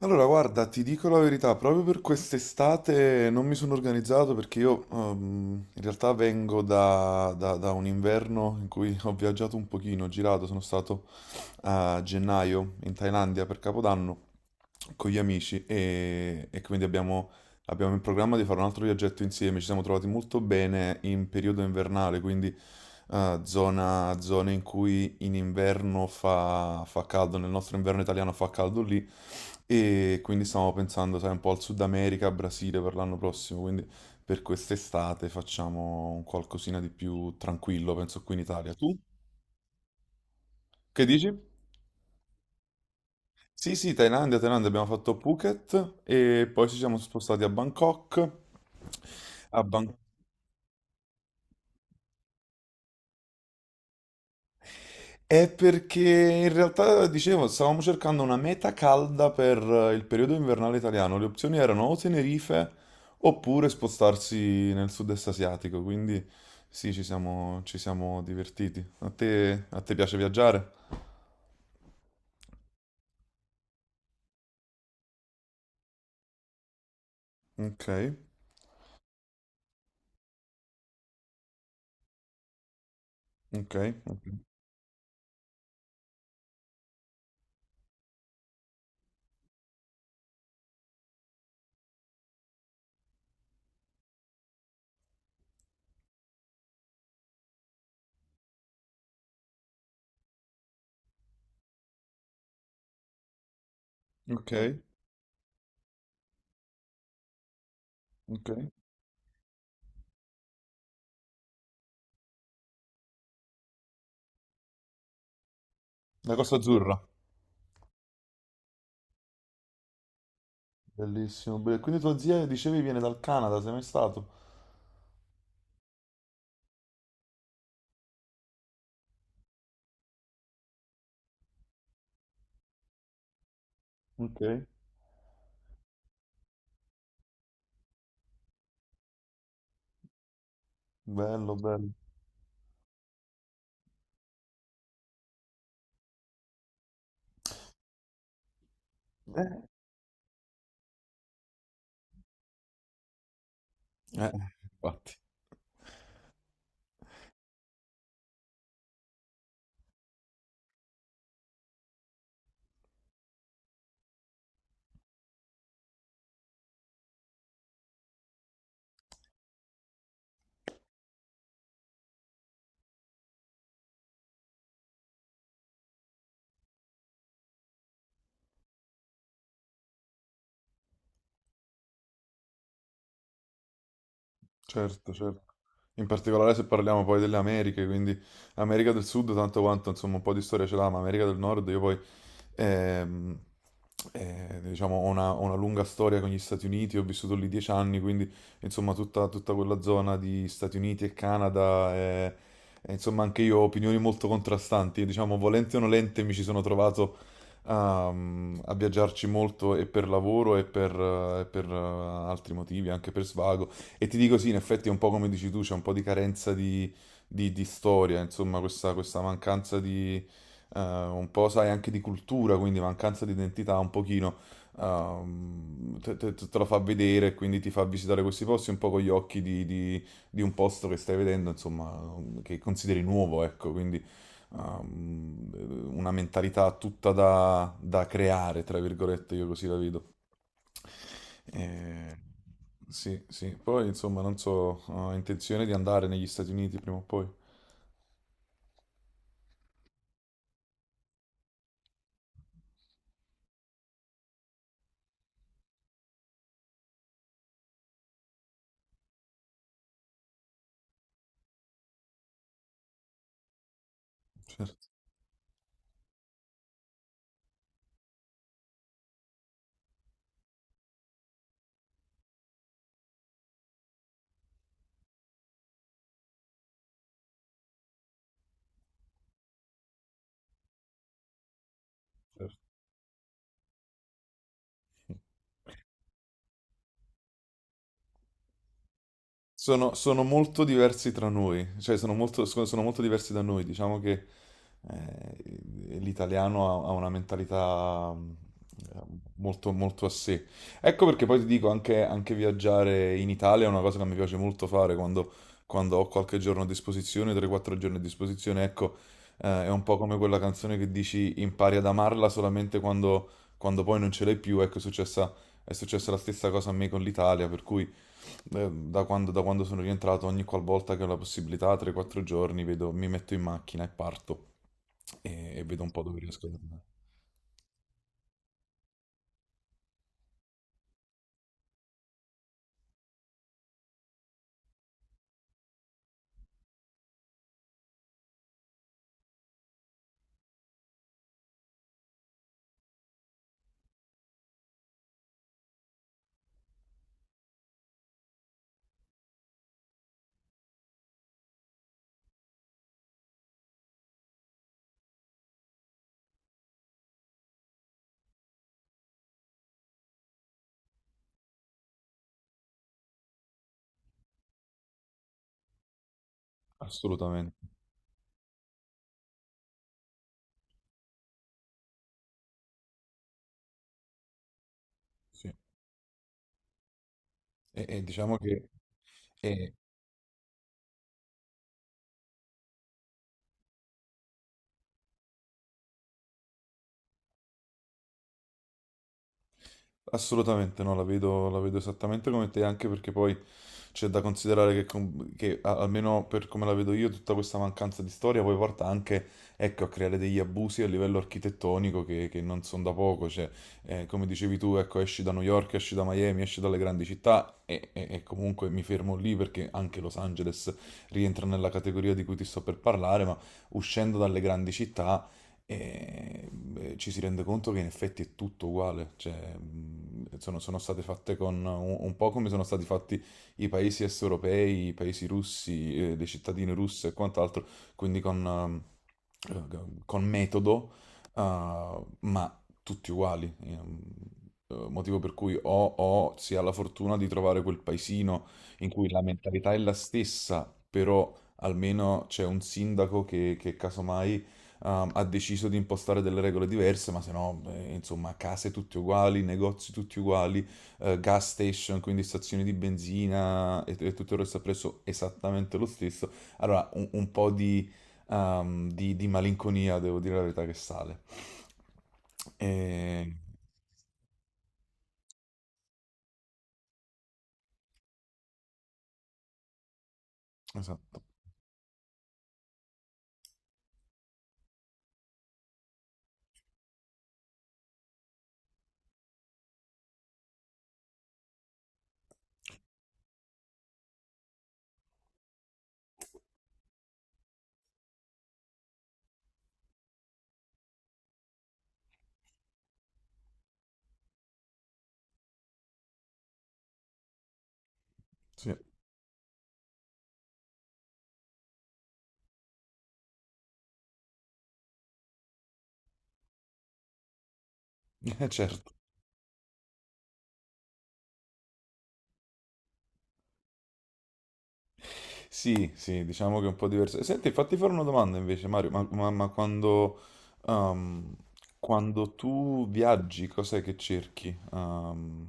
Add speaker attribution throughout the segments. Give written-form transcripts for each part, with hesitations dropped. Speaker 1: Allora, guarda, ti dico la verità, proprio per quest'estate non mi sono organizzato perché io in realtà vengo da un inverno in cui ho viaggiato un pochino, ho girato, sono stato a gennaio in Thailandia per Capodanno con gli amici e quindi abbiamo in programma di fare un altro viaggetto insieme. Ci siamo trovati molto bene in periodo invernale, quindi zone in cui in inverno fa caldo, nel nostro inverno italiano fa caldo lì e quindi stiamo pensando, sai, un po' al Sud America, Brasile per l'anno prossimo, quindi per quest'estate facciamo un qualcosina di più tranquillo, penso qui in Italia. Tu? Che dici? Sì, sì, Thailandia, Thailandia, abbiamo fatto Phuket e poi ci siamo spostati a Bangkok. A Bang- È perché in realtà, dicevo, stavamo cercando una meta calda per il periodo invernale italiano. Le opzioni erano o Tenerife oppure spostarsi nel sud-est asiatico, quindi sì, ci siamo divertiti. A te piace viaggiare? Ok, ok, ok, ok. La Costa Azzurra, bellissimo. Be- Quindi tua zia, dicevi, viene dal Canada, sei mai stato? Ok. Bello, bello. Eh, Eh, infatti. Certo, certo. In particolare se parliamo poi delle Americhe, quindi America del Sud tanto quanto insomma un po' di storia ce l'ha, ma America del Nord io poi ehm, diciamo, ho una lunga storia con gli Stati Uniti, ho vissuto lì dieci anni, quindi insomma tutta quella zona di Stati Uniti e Canada, insomma anche io ho opinioni molto contrastanti, diciamo volente o nolente mi ci sono trovato a viaggiarci molto e per lavoro e e altri motivi, anche per svago. E ti dico sì, in effetti è un po' come dici tu, c'è un po' di carenza di storia, insomma questa mancanza di un po', sai, anche di cultura, quindi mancanza di identità un pochino, te lo fa vedere, e quindi ti fa visitare questi posti un po' con gli occhi di un posto che stai vedendo, insomma, che consideri nuovo, ecco, quindi una mentalità tutta da creare, tra virgolette, io così la vedo. Eh, sì, sì, poi insomma non so, ho intenzione di andare negli Stati Uniti prima o poi. Certo. Sono molto diversi tra noi, cioè sono molto, scu- sono molto diversi da noi. Diciamo che eh, l'italiano ha una mentalità, eh, molto, molto a sé. Ecco perché poi ti dico, anche, anche viaggiare in Italia è una cosa che mi piace molto fare quando, quando ho qualche giorno a disposizione, 3-4 giorni a disposizione. Ecco, è un po' come quella canzone che dici impari ad amarla solamente quando, quando poi non ce l'hai più. Ecco, è successa la stessa cosa a me con l'Italia, per cui... da quando, da quando sono rientrato, ogni qualvolta che ho la possibilità, 3-4 giorni, vedo- mi metto in macchina e parto e vedo un po' dove riesco ad andare. Assolutamente, sì. E diciamo che è, assolutamente no, la vedo esattamente come te, anche perché poi c'è da considerare che, com- che, a- almeno per come la vedo io, tutta questa mancanza di storia poi porta anche, ecco, a creare degli abusi a livello architettonico che non sono da poco, cioè, come dicevi tu, ecco, esci da New York, esci da Miami, esci dalle grandi città e comunque mi fermo lì perché anche Los Angeles rientra nella categoria di cui ti sto per parlare, ma uscendo dalle grandi città e beh, ci si rende conto che in effetti è tutto uguale, cioè, sono, sono state fatte con un po' come sono stati fatti i paesi est europei, i paesi russi, dei cittadini russi e quant'altro, quindi con con metodo, ma tutti uguali. Motivo per cui o si ha la fortuna di trovare quel paesino in cui la mentalità è la stessa, però almeno c'è un sindaco che casomai ha deciso di impostare delle regole diverse, ma se no, insomma, case tutte uguali, negozi tutti uguali, gas station, quindi stazioni di benzina e tutto il resto ha preso esattamente lo stesso. Allora, un po' di, di malinconia, devo dire la verità, che sale. E- esatto, sì, certo. Sì, sì, diciamo che è un po' diverso. Senti, fatti fare una domanda invece, Mario, ma quando, ehm, quando tu viaggi, cos'è che cerchi?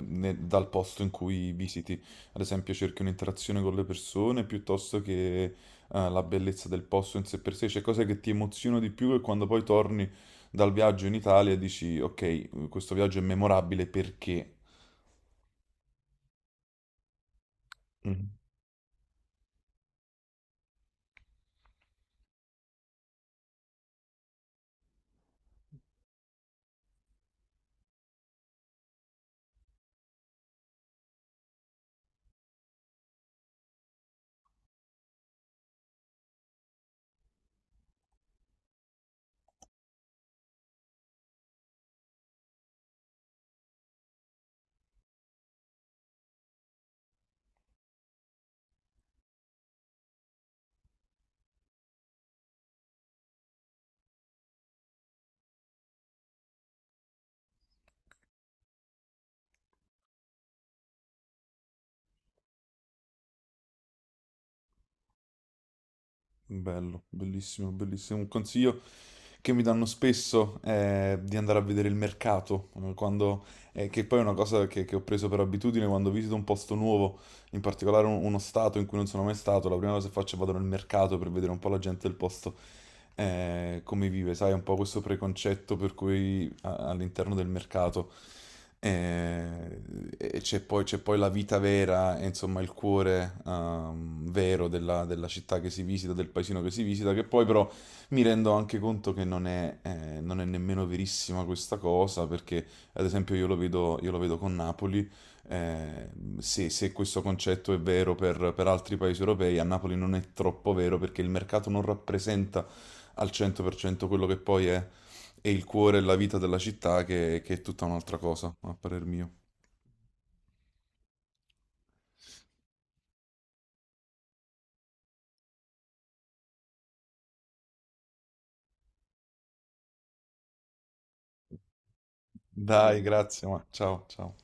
Speaker 1: Ne- dal posto in cui visiti? Ad esempio, cerchi un'interazione con le persone piuttosto che, la bellezza del posto in sé per sé? Cioè, cos'è che ti emoziona di più e quando poi torni dal viaggio in Italia dici, ok, questo viaggio è memorabile perché... Mm, bello, bellissimo, bellissimo. Un consiglio che mi danno spesso è di andare a vedere il mercato, quando, che poi è una cosa che ho preso per abitudine quando visito un posto nuovo, in particolare un- uno stato in cui non sono mai stato, la prima cosa che faccio è vado nel mercato per vedere un po' la gente del posto come vive, sai, un po' questo preconcetto per cui a- all'interno del mercato eh, e c'è poi la vita vera, e insomma il cuore vero della, della città che si visita, del paesino che si visita, che poi però mi rendo anche conto che non è, non è nemmeno verissima questa cosa, perché ad esempio io lo vedo con Napoli, eh, se questo concetto è vero per altri paesi europei, a Napoli non è troppo vero perché il mercato non rappresenta al 100% quello che poi è il cuore e la vita della città, che è tutta un'altra cosa, a parer mio. Dai, grazie, ma ciao, ciao.